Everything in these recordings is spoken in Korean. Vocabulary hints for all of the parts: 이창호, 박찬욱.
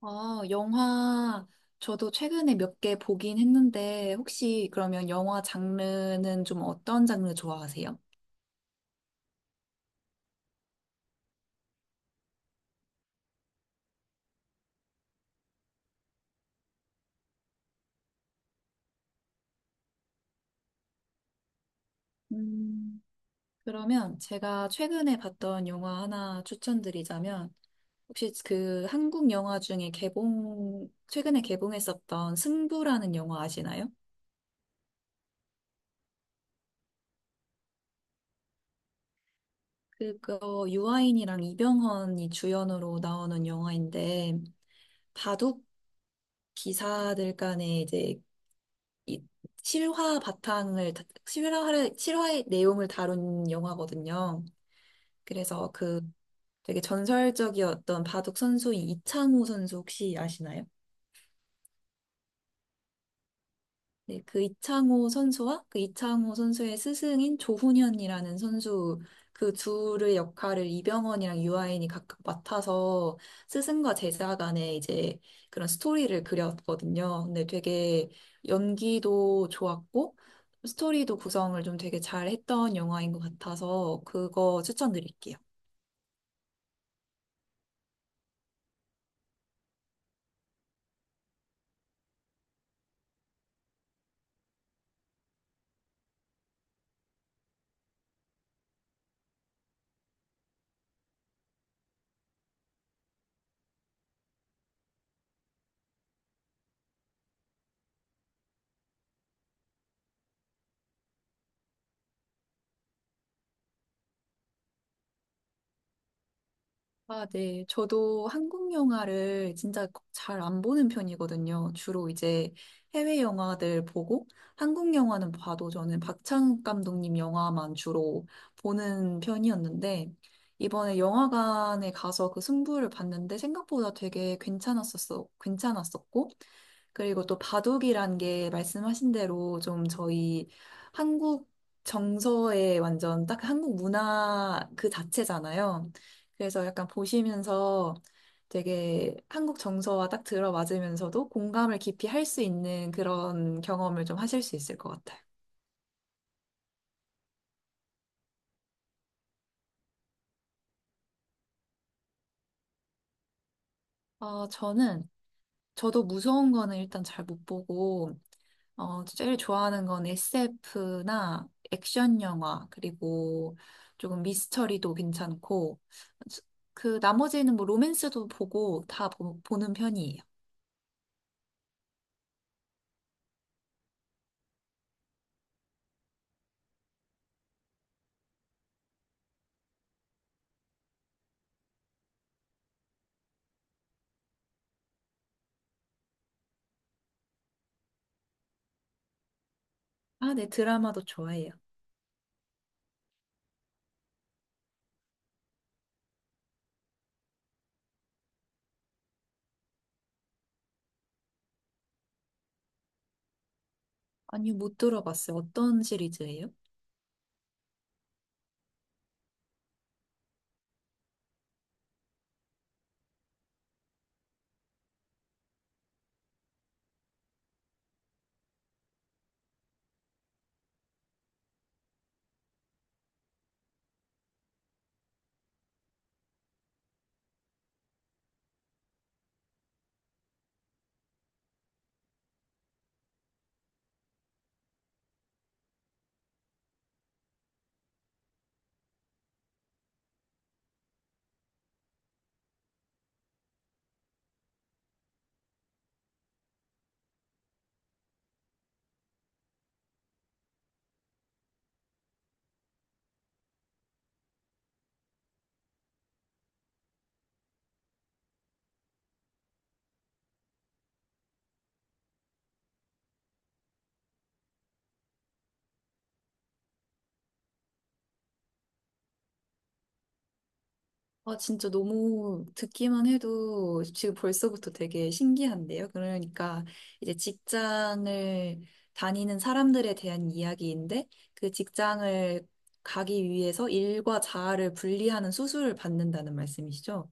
영화, 저도 최근에 몇 개 보긴 했는데, 혹시 그러면 영화 장르는 좀 어떤 장르 좋아하세요? 음, 그러면 제가 최근에 봤던 영화 하나 추천드리자면, 혹시 그 한국 영화 중에 개봉, 최근에 개봉했었던 승부라는 영화 아시나요? 그거 유아인이랑 이병헌이 주연으로 나오는 영화인데, 바둑 기사들 간의 이제 이 실화를 실화의 내용을 다룬 영화거든요. 그래서 그 되게 전설적이었던 바둑 선수인 이창호 선수 혹시 아시나요? 네, 그 이창호 선수와 그 이창호 선수의 스승인 조훈현이라는 선수 그 둘의 역할을 이병헌이랑 유아인이 각각 맡아서 스승과 제자 간의 이제 그런 스토리를 그렸거든요. 근데 되게 연기도 좋았고 스토리도 구성을 좀 되게 잘 했던 영화인 것 같아서 그거 추천드릴게요. 아, 네. 저도 한국 영화를 진짜 잘 안 보는 편이거든요. 주로 이제 해외 영화들 보고 한국 영화는 봐도 저는 박찬욱 감독님 영화만 주로 보는 편이었는데 이번에 영화관에 가서 그 승부를 봤는데 생각보다 되게 괜찮았었어. 괜찮았었고 그리고 또 바둑이란 게 말씀하신 대로 좀 저희 한국 정서에 완전 딱 한국 문화 그 자체잖아요. 그래서 약간 보시면서 되게 한국 정서와 딱 들어맞으면서도 공감을 깊이 할 수 있는 그런 경험을 좀 하실 수 있을 것 같아요. 저는, 저도 무서운 거는 일단 잘 못 보고, 제일 좋아하는 건 SF나 액션 영화, 그리고 조금 미스터리도 괜찮고, 그 나머지는 뭐 로맨스도 보고 보는 편이에요. 아, 네, 드라마도 좋아해요. 아니요, 못 들어봤어요. 어떤 시리즈예요? 아, 진짜 너무 듣기만 해도 지금 벌써부터 되게 신기한데요. 그러니까 이제 직장을 다니는 사람들에 대한 이야기인데 그 직장을 가기 위해서 일과 자아를 분리하는 수술을 받는다는 말씀이시죠?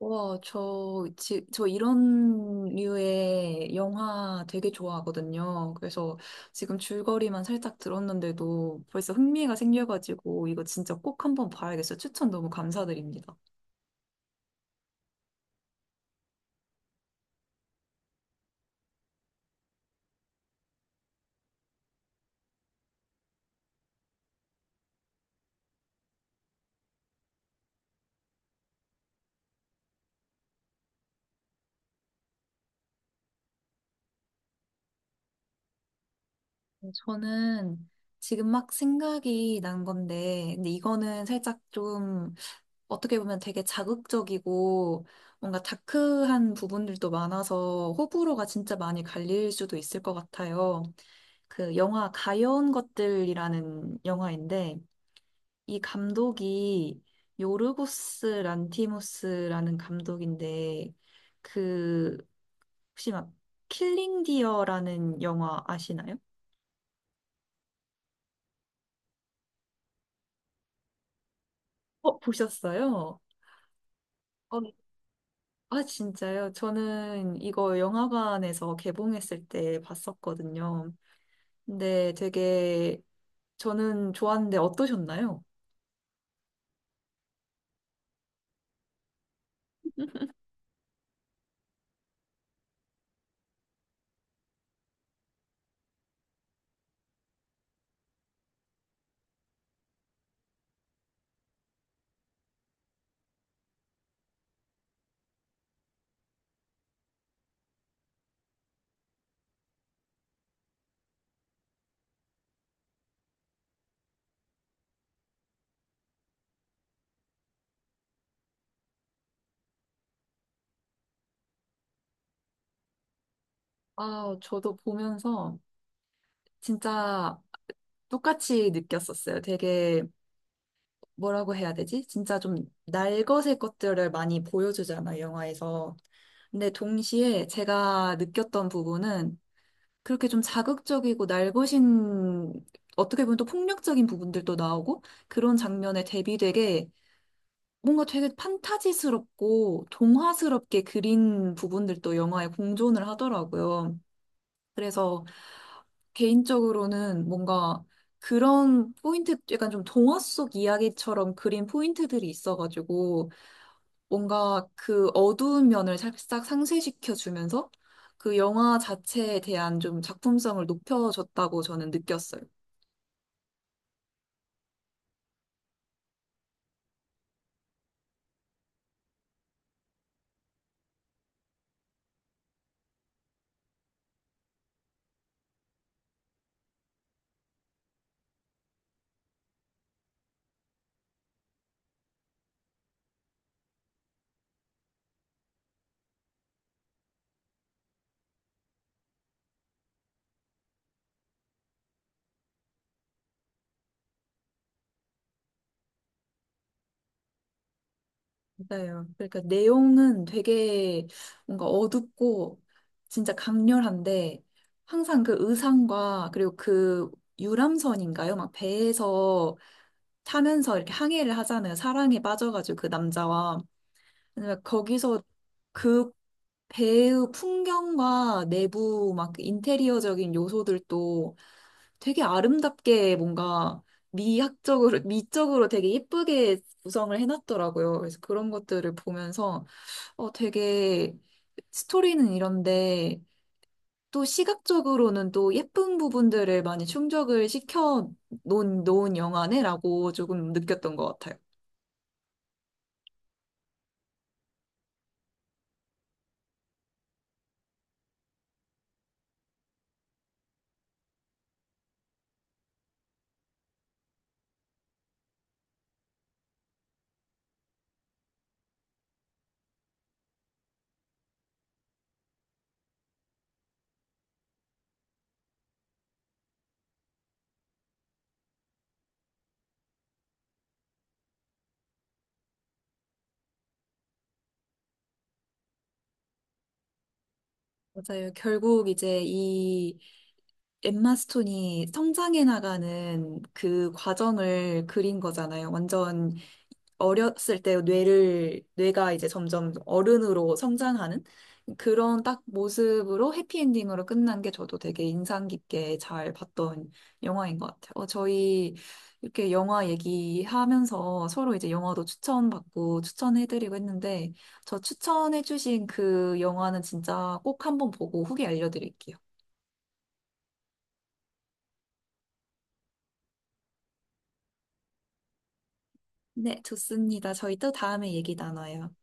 와, 저 이런 류의 영화 되게 좋아하거든요. 그래서 지금 줄거리만 살짝 들었는데도 벌써 흥미가 생겨가지고 이거 진짜 꼭 한번 봐야겠어요. 추천 너무 감사드립니다. 저는 지금 막 생각이 난 건데, 근데 이거는 살짝 좀 어떻게 보면 되게 자극적이고 뭔가 다크한 부분들도 많아서 호불호가 진짜 많이 갈릴 수도 있을 것 같아요. 그 영화 가여운 것들이라는 영화인데, 이 감독이 요르고스 란티모스라는 감독인데, 그 혹시 막 킬링 디어라는 영화 아시나요? 어, 보셨어요? 아, 진짜요? 저는 이거 영화관에서 개봉했을 때 봤었거든요. 근데 되게 저는 좋았는데 어떠셨나요? 아, 저도 보면서 진짜 똑같이 느꼈었어요. 되게 뭐라고 해야 되지? 진짜 좀 날것의 것들을 많이 보여주잖아요, 영화에서. 근데 동시에 제가 느꼈던 부분은 그렇게 좀 자극적이고 날것인 어떻게 보면 또 폭력적인 부분들도 나오고 그런 장면에 대비되게 뭔가 되게 판타지스럽고 동화스럽게 그린 부분들도 영화에 공존을 하더라고요. 그래서 개인적으로는 뭔가 그런 포인트, 약간 좀 동화 속 이야기처럼 그린 포인트들이 있어가지고 뭔가 그 어두운 면을 살짝 상쇄시켜주면서 그 영화 자체에 대한 좀 작품성을 높여줬다고 저는 느꼈어요. 맞아요. 그러니까 내용은 되게 뭔가 어둡고 진짜 강렬한데 항상 그 의상과 그리고 그 유람선인가요? 막 배에서 타면서 이렇게 항해를 하잖아요. 사랑에 빠져가지고 그 남자와. 왜냐면 거기서 그 배의 풍경과 내부 막 인테리어적인 요소들도 되게 아름답게 뭔가 미학적으로, 미적으로 되게 예쁘게 구성을 해놨더라고요. 그래서 그런 것들을 보면서 되게 스토리는 이런데 또 시각적으로는 또 예쁜 부분들을 많이 충족을 시켜 놓은 영화네라고 조금 느꼈던 것 같아요. 맞아요. 결국 이제 이 엠마 스톤이 성장해 나가는 그 과정을 그린 거잖아요. 완전 어렸을 때 뇌가 이제 점점 어른으로 성장하는 그런 딱 모습으로 해피엔딩으로 끝난 게 저도 되게 인상 깊게 잘 봤던 영화인 것 같아요. 어, 저희 이렇게 영화 얘기하면서 서로 이제 영화도 추천받고 추천해드리고 했는데 저 추천해주신 그 영화는 진짜 꼭 한번 보고 후기 알려드릴게요. 네, 좋습니다. 저희 또 다음에 얘기 나눠요.